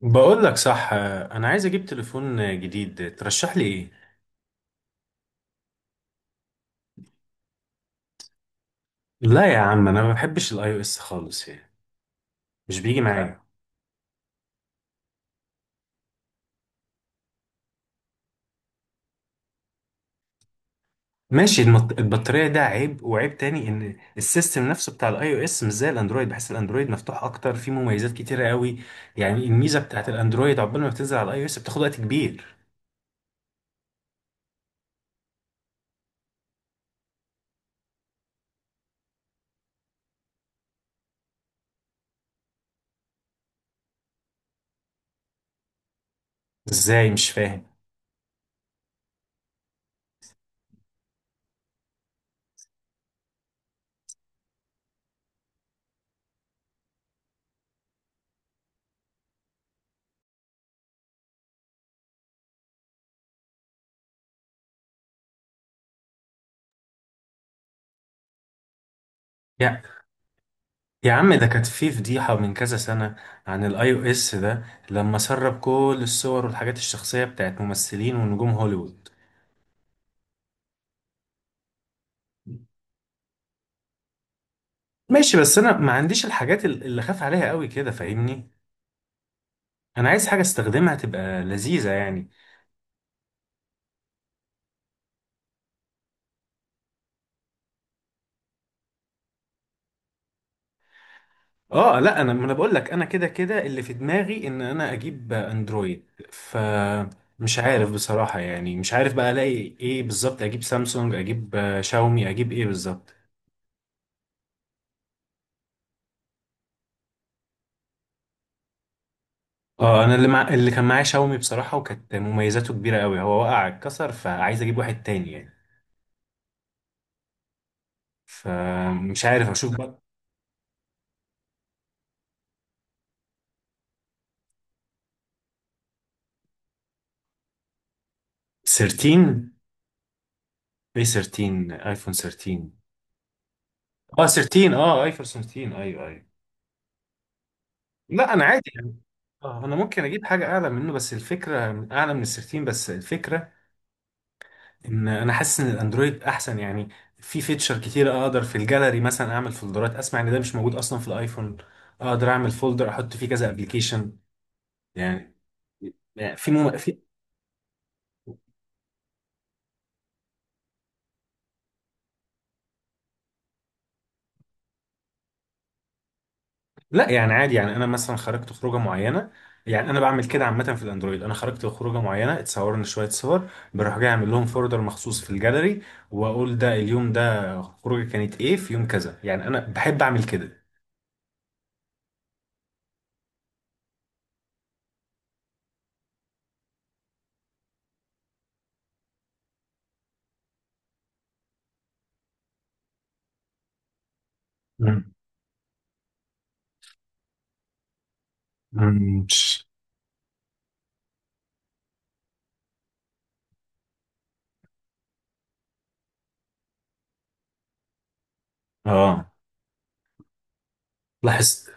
بقول لك صح، انا عايز اجيب تليفون جديد، ترشح لي ايه؟ لا يا عم، انا ما بحبش الاي او اس خالص يعني. مش بيجي معايا. ماشي. البطارية ده عيب، وعيب تاني ان السيستم نفسه بتاع الاي او اس مش زي الاندرويد. بحس الاندرويد مفتوح اكتر، فيه مميزات كتيرة قوي. يعني الميزة بتاعت الاندرويد عقبال ما بتنزل على الاي او اس بتاخد وقت كبير. ازاي؟ مش فاهم. يا يا عم، ده كانت في فضيحة من كذا سنة عن الاي او اس ده، لما سرب كل الصور والحاجات الشخصية بتاعت ممثلين ونجوم هوليوود. ماشي، بس انا ما عنديش الحاجات اللي خاف عليها قوي كده، فاهمني؟ انا عايز حاجه استخدمها تبقى لذيذه يعني. اه لا، انا ما انا بقول لك انا كده كده اللي في دماغي ان انا اجيب اندرويد. ف مش عارف بصراحه، يعني مش عارف بقى الاقي ايه بالظبط. اجيب سامسونج، اجيب شاومي، اجيب ايه بالظبط؟ اه، انا اللي كان معايا شاومي بصراحه، وكانت مميزاته كبيره قوي، هو وقع اتكسر، فعايز اجيب واحد تاني يعني. فمش عارف اشوف بقى. 13؟ ايه 13؟ ايفون 13؟ اه، 13، اه ايفون 13، ايوه ايوه. لا انا عادي يعني. اه، انا ممكن اجيب حاجه اعلى منه بس الفكره، اعلى من ال 13 بس الفكره، ان انا حاسس ان الاندرويد احسن يعني. في فيتشر كتير اقدر في الجاليري مثلا اعمل فولدرات. اسمع ان ده مش موجود اصلا في الايفون. اقدر اعمل فولدر احط فيه كذا ابلكيشن. يعني، يعني في. لا يعني عادي يعني. انا مثلا خرجت خروجه معينه، يعني انا بعمل كده عامه في الاندرويد، انا خرجت خروجه معينه، اتصورنا شويه صور، بروح جاي اعمل لهم فولدر مخصوص في الجاليري، واقول ده اليوم ده خروجه كانت ايه، في يوم كذا. يعني انا بحب اعمل كده. مم. مم. تش. اه لاحظت.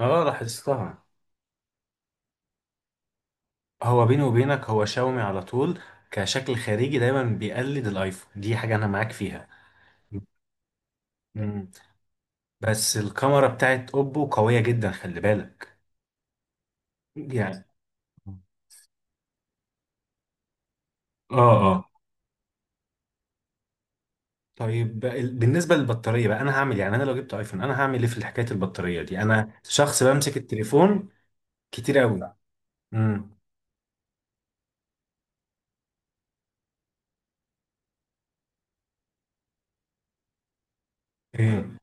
اه لاحظتها. هو بيني وبينك هو شاومي على طول كشكل خارجي دايما بيقلد الايفون، دي حاجه انا معاك فيها. مم. بس الكاميرا بتاعت اوبو قويه جدا، خلي بالك. يعني اه اه. طيب بقى بالنسبة للبطارية بقى، أنا هعمل إيه؟ يعني أنا لو جبت أيفون أنا هعمل إيه في حكاية البطارية دي؟ أنا شخص بمسك التليفون كتير أوي. امم، إيه؟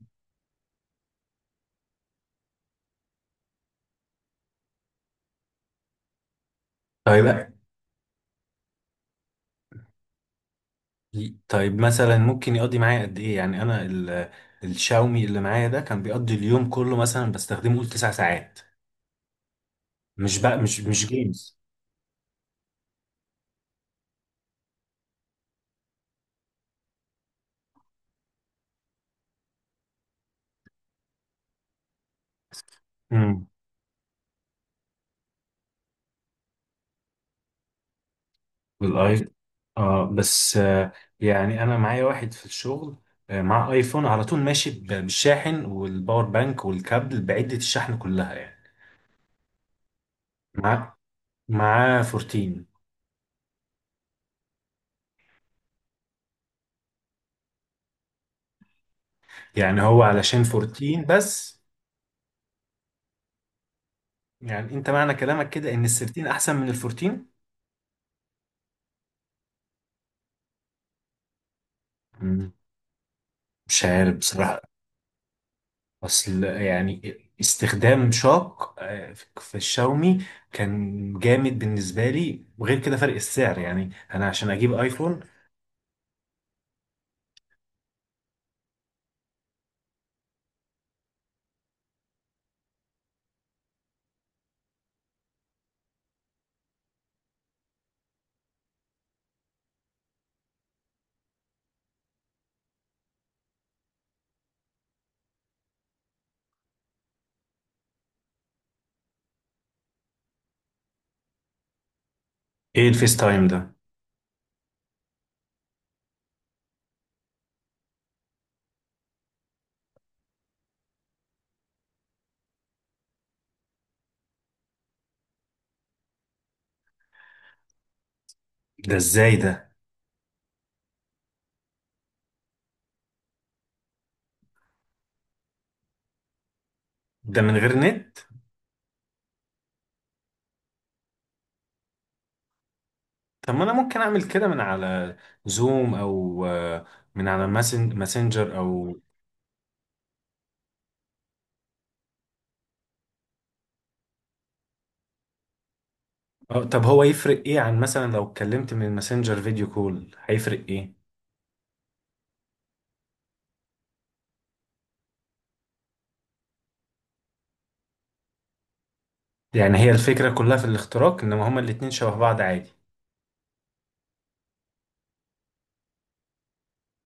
طيب بقى، طيب مثلا ممكن يقضي معايا قد إيه؟ يعني أنا الشاومي اللي معايا ده كان بيقضي اليوم كله مثلا، بستخدمه قول تسع ساعات. مش بقى مش مش جيمز. بالاي اه بس يعني انا معايا واحد في الشغل مع ايفون على طول ماشي بالشاحن والباور بانك والكابل بعدة الشحن كلها يعني. مع معاه 14. يعني هو علشان 14 بس؟ يعني انت معنى كلامك كده ان ال 13 احسن من ال 14؟ مم، مش عارف بصراحة. اصل يعني استخدام شاق في الشاومي كان جامد بالنسبة لي، وغير كده فرق السعر يعني انا عشان اجيب ايفون. ايه الفيس تايم ده؟ ده ازاي ده؟ ده من غير نت؟ طب ما انا ممكن اعمل كده من على زوم، او من على ماسنجر، او طب هو يفرق ايه عن مثلا لو اتكلمت من ماسنجر فيديو كول، هيفرق ايه؟ يعني هي الفكرة كلها في الاختراق، انما هما الاتنين شبه بعض عادي.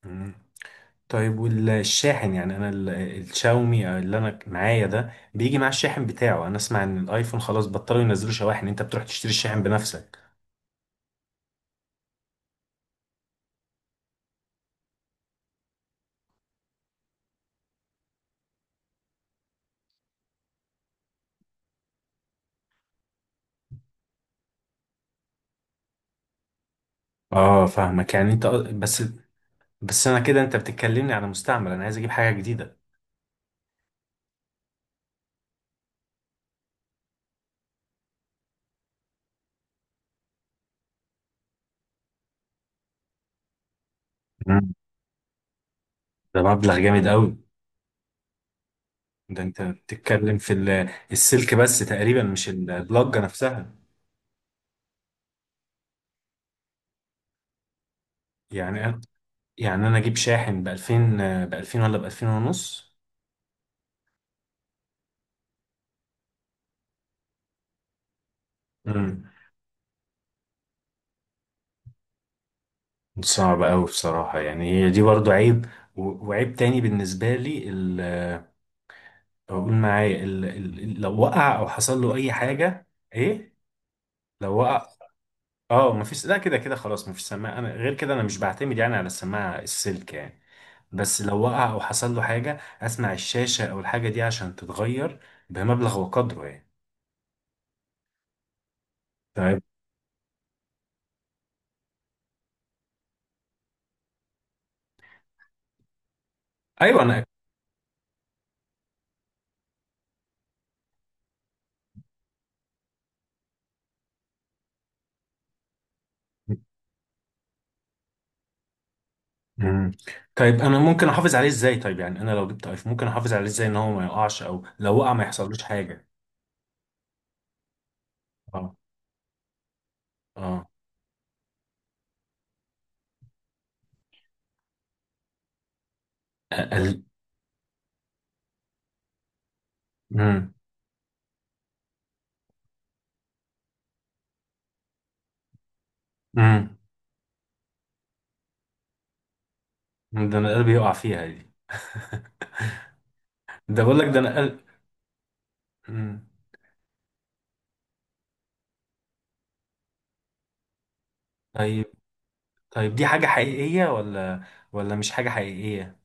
مم. طيب والشاحن، يعني انا الشاومي اللي انا معايا ده بيجي مع الشاحن بتاعه، انا اسمع ان الايفون خلاص بطلوا ينزلوا شواحن، انت بتروح تشتري الشاحن بنفسك. اه فاهمك يعني انت بس، بس انا كده انت بتتكلمني على مستعمل، انا عايز اجيب حاجه جديده. مم. ده مبلغ جامد قوي. ده انت بتتكلم في السلك بس تقريبا، مش البلاجة نفسها. يعني أنا- يعني انا اجيب شاحن ب 2000؟ ب 2000 ولا ب 2000 ونص؟ امم، صعب قوي بصراحة. يعني هي دي برضو عيب، وعيب تاني بالنسبة لي اقول معايا لو وقع او حصل له اي حاجة. ايه؟ لو وقع؟ اه مفيش، لا كده كده خلاص مفيش سماعة، انا غير كده انا مش بعتمد يعني على السماعة السلك يعني. بس لو وقع او حصل له حاجه، اسمع الشاشه او الحاجه دي عشان تتغير بمبلغ وقدره يعني. طيب، ايوه انا. مم. طيب انا ممكن احافظ عليه ازاي؟ طيب يعني انا لو جبت ايفون ممكن احافظ عليه ازاي ان هو ما يقعش، او لو وقع ما يحصلوش حاجه؟ اه، اه، اقل. امم. امم، ده انا قلبي يقع فيها دي. ده بقول لك ده انا قلب. مم. طيب، طيب دي حاجه حقيقيه ولا ولا مش حاجه حقيقيه؟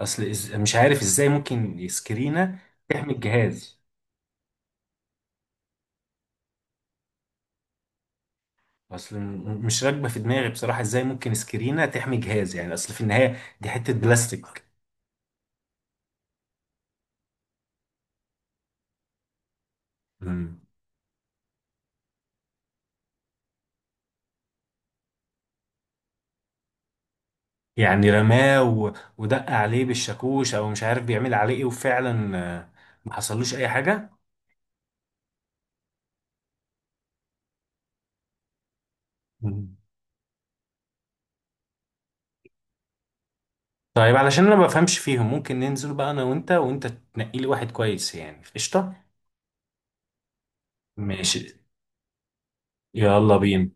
اصل مش عارف ازاي ممكن سكرينه تحمي الجهاز. اصل مش راكبه في دماغي بصراحه، ازاي ممكن سكرينه تحمي جهاز؟ يعني اصل في النهايه دي حته بلاستيك. مم. يعني رماه ودق عليه بالشاكوش، او مش عارف بيعمل عليه ايه، وفعلا ما حصلوش اي حاجه. مم. طيب علشان انا ما بفهمش فيهم، ممكن ننزل بقى انا وانت وانت تنقي لي واحد كويس؟ يعني قشطه. ماشي. يلا بينا.